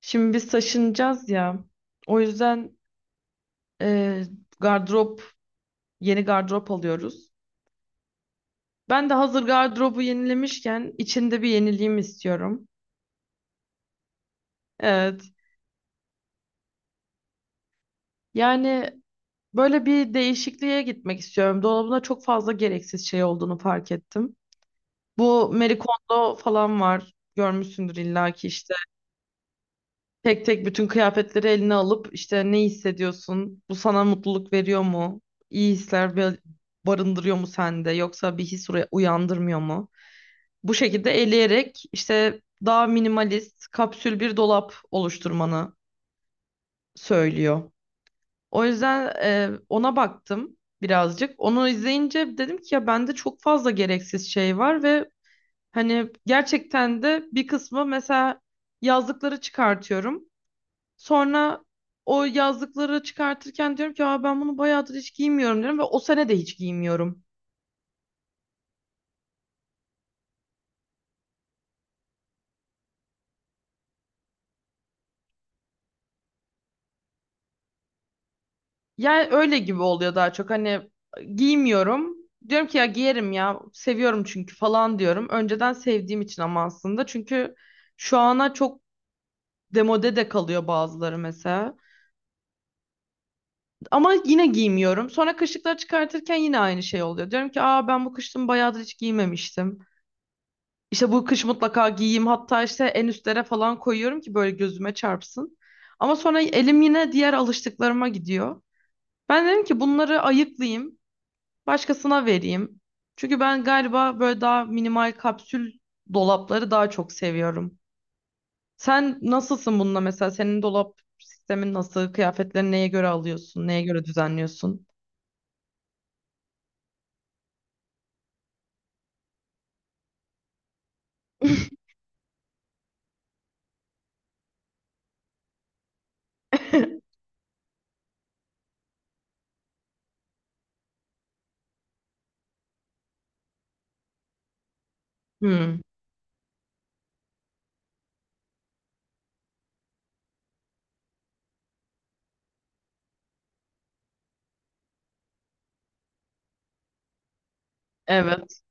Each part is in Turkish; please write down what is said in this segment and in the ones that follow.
Şimdi biz taşınacağız ya. O yüzden e, gardırop, yeni gardırop alıyoruz. Ben de hazır gardırobu yenilemişken içinde bir yeniliğim istiyorum. Evet. Yani böyle bir değişikliğe gitmek istiyorum. Dolabımda çok fazla gereksiz şey olduğunu fark ettim. Bu Marie Kondo falan var. Görmüşsündür illaki işte. Tek tek bütün kıyafetleri eline alıp işte ne hissediyorsun? Bu sana mutluluk veriyor mu? İyi hisler barındırıyor mu sende? Yoksa bir his uyandırmıyor mu? Bu şekilde eleyerek işte daha minimalist kapsül bir dolap oluşturmanı söylüyor. O yüzden ona baktım birazcık. Onu izleyince dedim ki ya bende çok fazla gereksiz şey var ve hani gerçekten de bir kısmı mesela yazlıkları çıkartıyorum. Sonra o yazlıkları çıkartırken diyorum ki aa, ben bunu bayağıdır hiç giymiyorum diyorum ve o sene de hiç giymiyorum. Yani öyle gibi oluyor daha çok hani giymiyorum. Diyorum ki ya giyerim ya seviyorum çünkü falan diyorum. Önceden sevdiğim için ama aslında çünkü şu ana çok demode de kalıyor bazıları mesela. Ama yine giymiyorum. Sonra kışlıkları çıkartırken yine aynı şey oluyor. Diyorum ki aa ben bu kışın bayağıdır hiç giymemiştim. İşte bu kış mutlaka giyeyim. Hatta işte en üstlere falan koyuyorum ki böyle gözüme çarpsın. Ama sonra elim yine diğer alıştıklarıma gidiyor. Ben dedim ki bunları ayıklayayım, başkasına vereyim. Çünkü ben galiba böyle daha minimal kapsül dolapları daha çok seviyorum. Sen nasılsın bununla mesela? Senin dolap sistemin nasıl? Kıyafetlerini neye göre alıyorsun? Neye göre düzenliyorsun? Hmm, evet.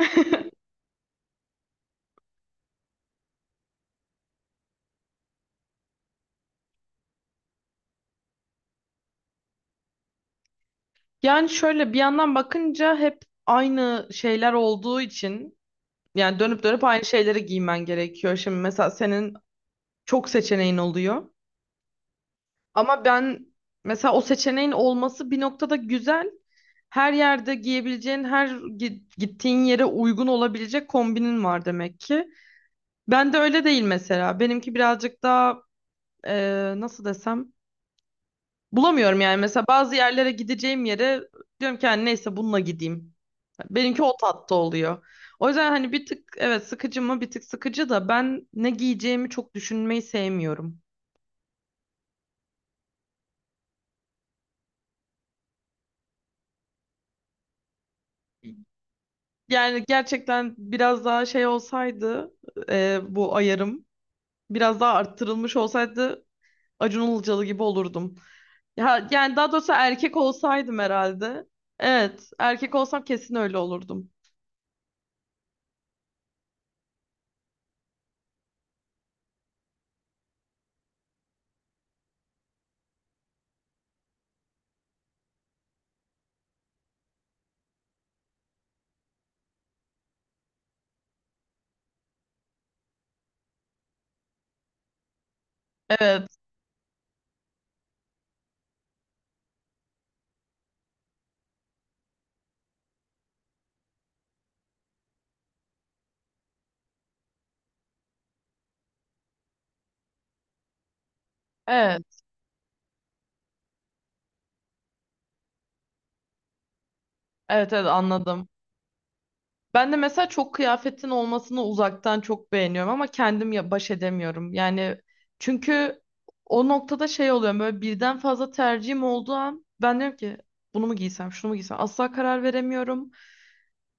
Yani şöyle bir yandan bakınca hep aynı şeyler olduğu için yani dönüp dönüp aynı şeyleri giymen gerekiyor. Şimdi mesela senin çok seçeneğin oluyor. Ama ben mesela o seçeneğin olması bir noktada güzel. Her yerde giyebileceğin, her gittiğin yere uygun olabilecek kombinin var demek ki. Ben de öyle değil mesela. Benimki birazcık daha nasıl desem bulamıyorum yani. Mesela bazı yerlere gideceğim yere diyorum ki "Yani neyse bununla gideyim. Benimki o tatta oluyor. O yüzden hani bir tık evet sıkıcı mı bir tık sıkıcı da ben ne giyeceğimi çok düşünmeyi sevmiyorum. Yani gerçekten biraz daha şey olsaydı bu ayarım biraz daha arttırılmış olsaydı Acun Ilıcalı gibi olurdum. Ya, yani daha doğrusu erkek olsaydım herhalde. Evet erkek olsam kesin öyle olurdum. Evet evet evet evet anladım. Ben de mesela çok kıyafetin olmasını uzaktan çok beğeniyorum ama kendim ya baş edemiyorum. Yani çünkü o noktada şey oluyor böyle birden fazla tercihim olduğu an ben diyorum ki bunu mu giysem şunu mu giysem asla karar veremiyorum.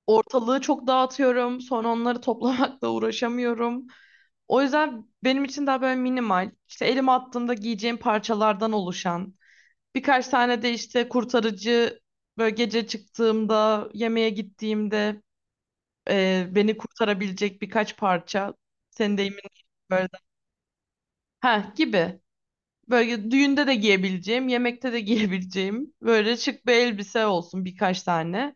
Ortalığı çok dağıtıyorum sonra onları toplamakla uğraşamıyorum. O yüzden benim için daha böyle minimal işte elime attığımda giyeceğim parçalardan oluşan birkaç tane de işte kurtarıcı böyle gece çıktığımda yemeğe gittiğimde beni kurtarabilecek birkaç parça. Senin deyimin böyle. Ha gibi. Böyle düğünde de giyebileceğim, yemekte de giyebileceğim böyle şık bir elbise olsun birkaç tane.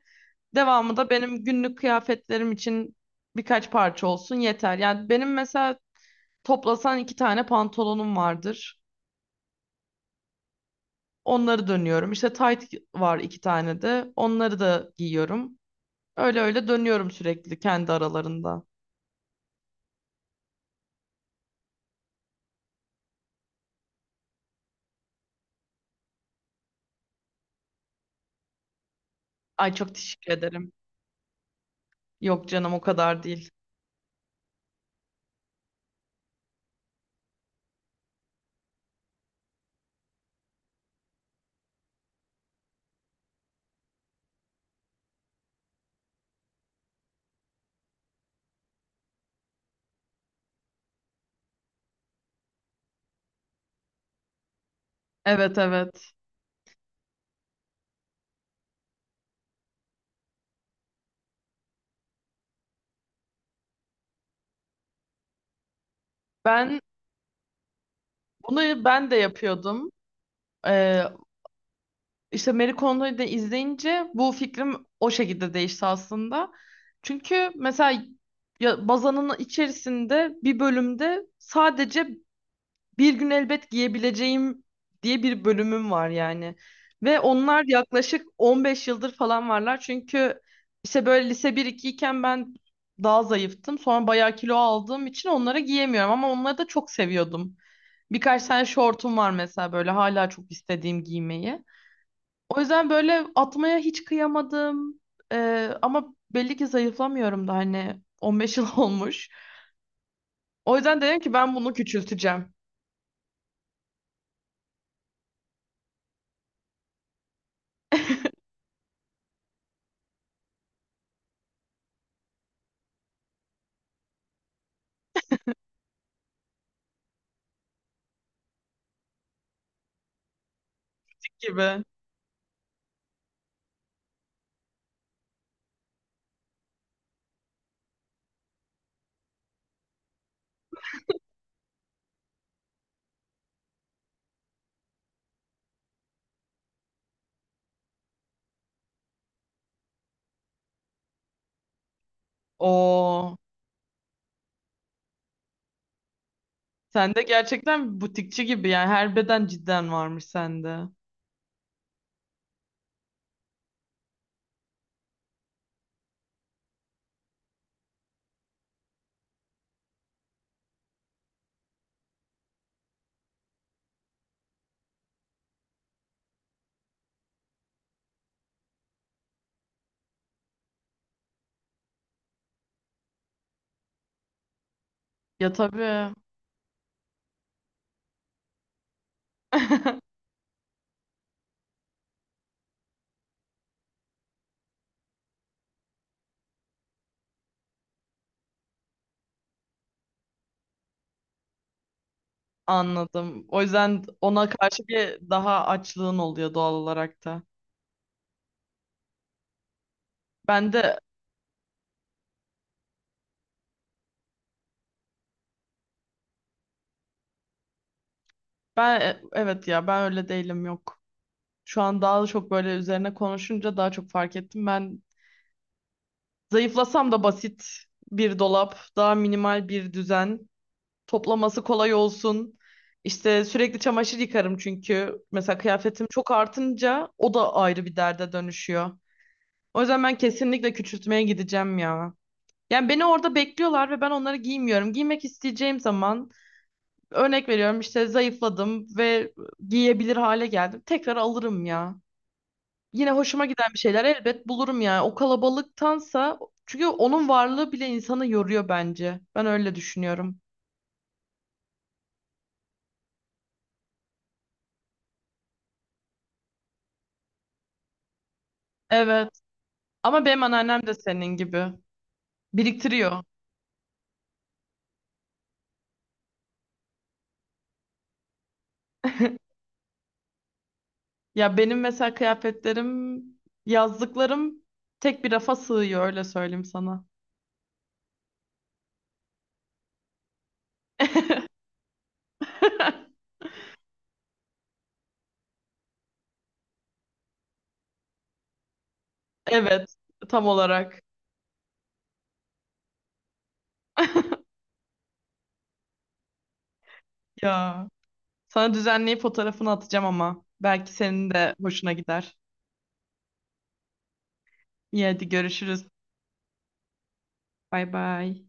Devamı da benim günlük kıyafetlerim için birkaç parça olsun yeter. Yani benim mesela toplasan iki tane pantolonum vardır. Onları dönüyorum. İşte tayt var iki tane de. Onları da giyiyorum. Öyle öyle dönüyorum sürekli kendi aralarında. Ay çok teşekkür ederim. Yok canım o kadar değil. Evet evet. Ben bunu ben de yapıyordum. Ee, işte Marie Kondo'yu da izleyince bu fikrim o şekilde değişti aslında. Çünkü mesela ya, bazanın içerisinde bir bölümde sadece bir gün elbet giyebileceğim diye bir bölümüm var yani. Ve onlar yaklaşık 15 yıldır falan varlar. Çünkü işte böyle lise bir 2 iken ben daha zayıftım. Sonra bayağı kilo aldığım için onları giyemiyorum ama onları da çok seviyordum. Birkaç tane şortum var mesela böyle hala çok istediğim giymeyi. O yüzden böyle atmaya hiç kıyamadım. Ama belli ki zayıflamıyorum da hani 15 yıl olmuş. O yüzden dedim ki ben bunu küçülteceğim gibi. Oo, sen de gerçekten butikçi gibi yani her beden cidden varmış sende. Ya tabii. Anladım. O yüzden ona karşı bir daha açlığın oluyor doğal olarak da. Ben de ben e- evet ya ben öyle değilim yok. Şu an daha çok böyle üzerine konuşunca daha çok fark ettim. Ben zayıflasam da basit bir dolap, daha minimal bir düzen, toplaması kolay olsun. İşte sürekli çamaşır yıkarım çünkü mesela kıyafetim çok artınca o da ayrı bir derde dönüşüyor. O yüzden ben kesinlikle küçültmeye gideceğim ya. Yani beni orada bekliyorlar ve ben onları giymiyorum. Giymek isteyeceğim zaman örnek veriyorum işte zayıfladım ve giyebilir hale geldim. Tekrar alırım ya. Yine hoşuma giden bir şeyler elbet bulurum yani. O kalabalıktansa çünkü onun varlığı bile insanı yoruyor bence. Ben öyle düşünüyorum. Evet. Ama benim anneannem de senin gibi. Biriktiriyor. Ya benim mesela kıyafetlerim, yazlıklarım tek bir rafa sığıyor öyle söyleyeyim sana. Evet, tam olarak. Ya. Sana düzenleyip fotoğrafını atacağım ama belki senin de hoşuna gider. İyi hadi görüşürüz. Bay bay.